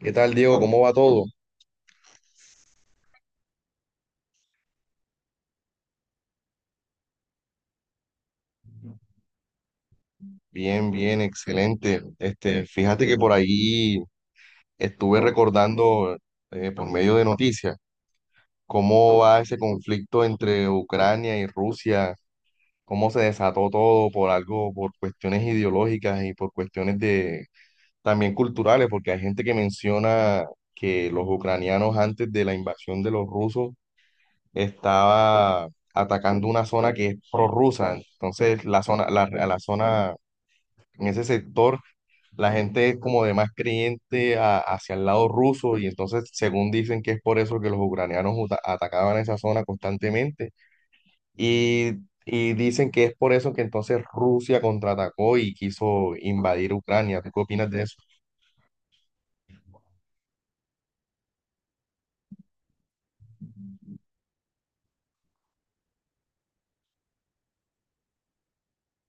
¿Qué tal, Diego? ¿Cómo va todo? Bien, bien, excelente. Este, fíjate que por ahí estuve recordando por medio de noticias cómo va ese conflicto entre Ucrania y Rusia, cómo se desató todo por algo, por cuestiones ideológicas y por cuestiones de también culturales, porque hay gente que menciona que los ucranianos antes de la invasión de los rusos estaba atacando una zona que es prorrusa. Entonces, a la zona en ese sector la gente es como de más creyente hacia el lado ruso y entonces según dicen que es por eso que los ucranianos atacaban esa zona constantemente y, y dicen que es por eso que entonces Rusia contraatacó y quiso invadir Ucrania. ¿Tú qué opinas de eso?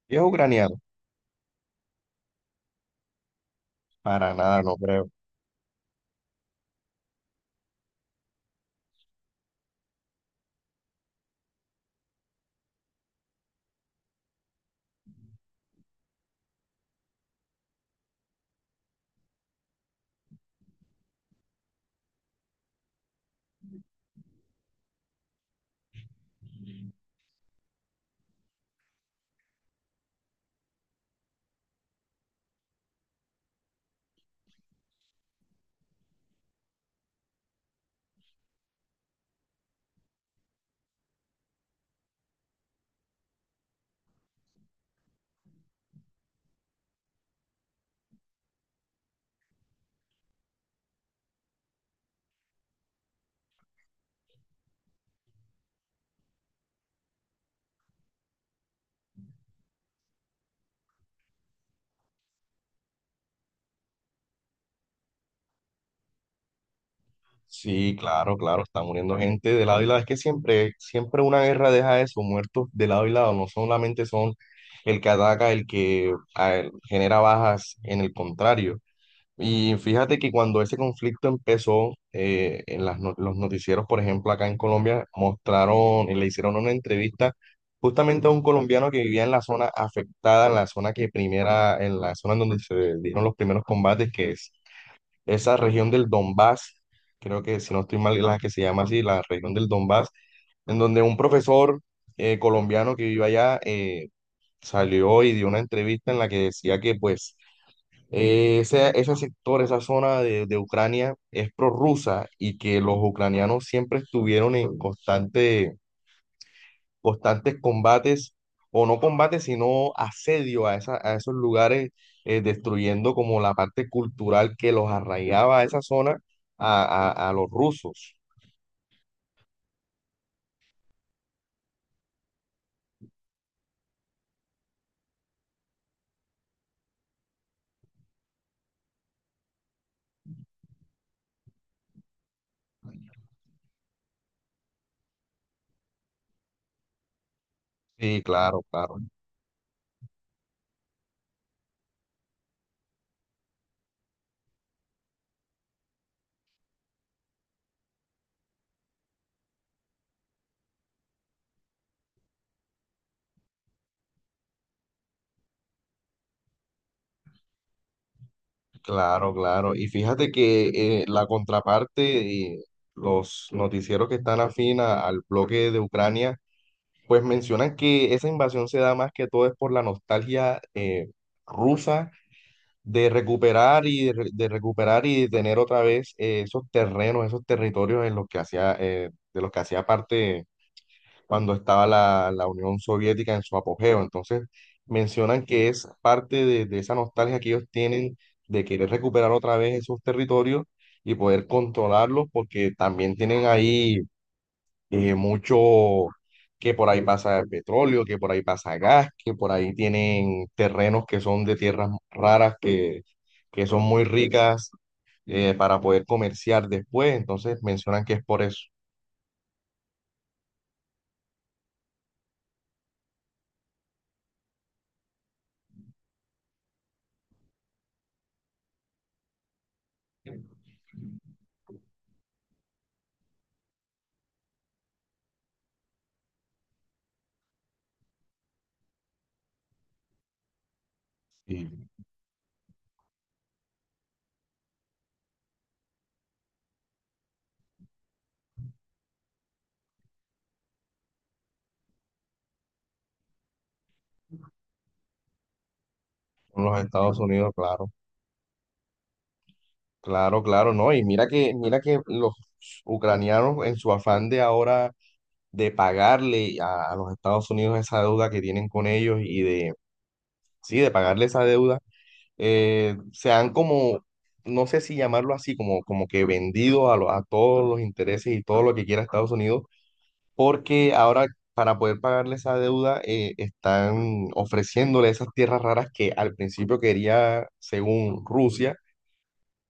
¿Si es ucraniano? Para nada, no creo. Sí, claro, claro, está muriendo gente de lado y lado. Es que siempre, siempre una guerra deja eso, muertos de lado y lado, no solamente son el que ataca, el que a ver, genera bajas en el contrario. Y fíjate que cuando ese conflicto empezó, en las los noticieros, por ejemplo, acá en Colombia, mostraron y le hicieron una entrevista justamente a un colombiano que vivía en la zona afectada, en la zona en donde se dieron los primeros combates, que es esa región del Donbass, creo que si no estoy mal, la que se llama así, la región del Donbass, en donde un profesor colombiano que vive allá salió y dio una entrevista en la que decía que pues ese sector, esa zona de Ucrania es prorrusa y que los ucranianos siempre estuvieron en constante, constantes combates, o no combates, sino asedio a esos lugares, destruyendo como la parte cultural que los arraigaba a esa zona a, a los rusos. Sí, claro, claro, claro, claro. Y fíjate que la contraparte, los noticieros que están afín al bloque de Ucrania, pues mencionan que esa invasión se da más que todo es por la nostalgia rusa de recuperar de recuperar y de tener otra vez esos terrenos, esos territorios en los que hacía de los que hacía parte cuando estaba la Unión Soviética en su apogeo. Entonces mencionan que es parte de esa nostalgia que ellos tienen de querer recuperar otra vez esos territorios y poder controlarlos porque también tienen ahí mucho, que por ahí pasa el petróleo, que por ahí pasa gas, que por ahí tienen terrenos que son de tierras raras, que son muy ricas para poder comerciar después. Entonces mencionan que es por eso. Y en los Estados Unidos, claro, claro, claro, ¿no? Y mira que los ucranianos en su afán de ahora de pagarle a los Estados Unidos esa deuda que tienen con ellos y de, sí, de pagarle esa deuda se han como, no sé si llamarlo así, como, como que vendido a todos los intereses y todo lo que quiera Estados Unidos, porque ahora para poder pagarle esa deuda están ofreciéndole esas tierras raras que al principio quería, según Rusia,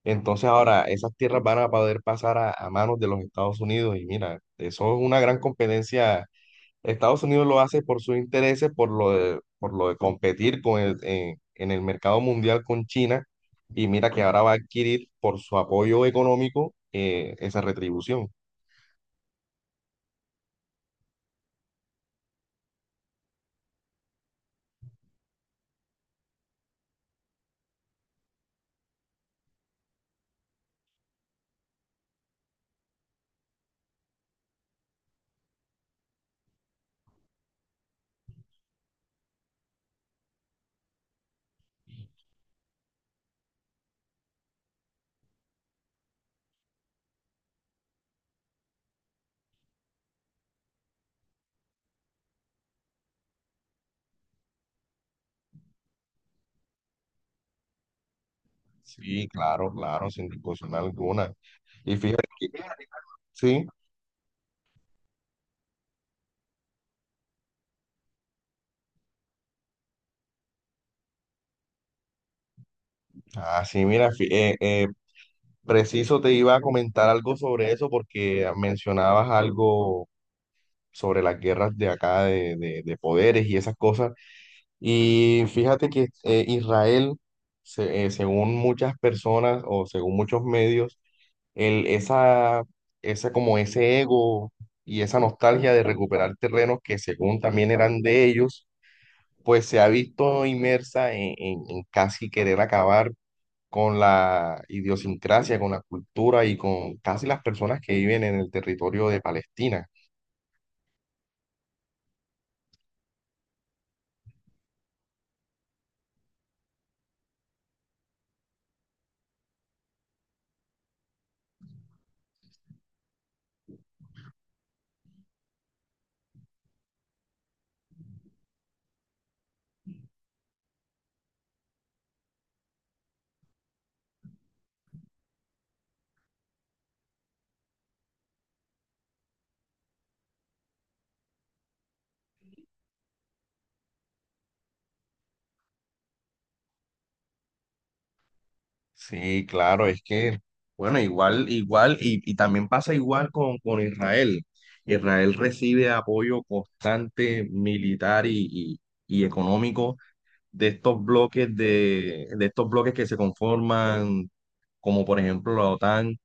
entonces ahora esas tierras van a poder pasar a manos de los Estados Unidos y mira, eso es una gran competencia. Estados Unidos lo hace por sus intereses, por lo de competir con en el mercado mundial con China, y mira que ahora va a adquirir por su apoyo económico esa retribución. Sí, claro, claro, sin discusión alguna. Y fíjate que, sí, así mira, fí- Preciso te iba a comentar algo sobre eso porque mencionabas algo sobre las guerras de acá de poderes y esas cosas. Y fíjate que Israel, según muchas personas o según muchos medios, el, esa, como ese ego y esa nostalgia de recuperar terrenos que según también eran de ellos, pues se ha visto inmersa en casi querer acabar con la idiosincrasia, con la cultura y con casi las personas que viven en el territorio de Palestina. Sí, claro, es que, bueno, igual, igual, y también pasa igual con Israel. Israel recibe apoyo constante militar y económico de estos bloques de estos bloques que se conforman, como por ejemplo la OTAN,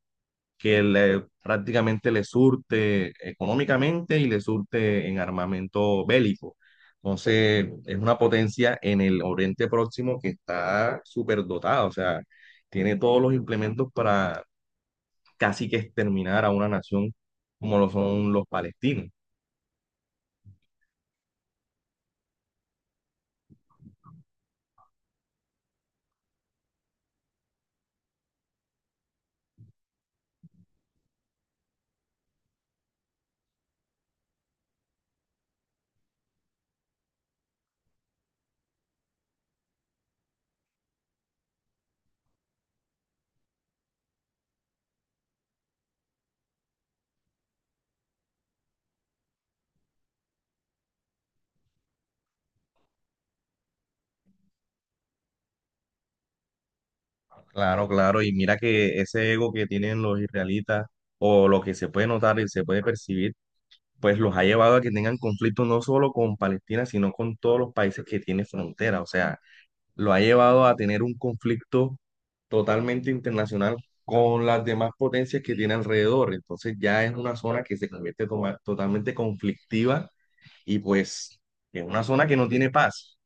que prácticamente le surte económicamente y le surte en armamento bélico. Entonces, es una potencia en el Oriente Próximo que está súper dotada, o sea, tiene todos los implementos para casi que exterminar a una nación como lo son los palestinos. Claro, claro, y mira que ese ego que tienen los israelitas o lo que se puede notar y se puede percibir, pues los ha llevado a que tengan conflictos no solo con Palestina, sino con todos los países que tienen frontera. O sea, lo ha llevado a tener un conflicto totalmente internacional con las demás potencias que tiene alrededor. Entonces ya es una zona que se convierte totalmente conflictiva y pues es una zona que no tiene paz.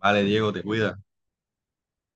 Vale, Diego, te cuida.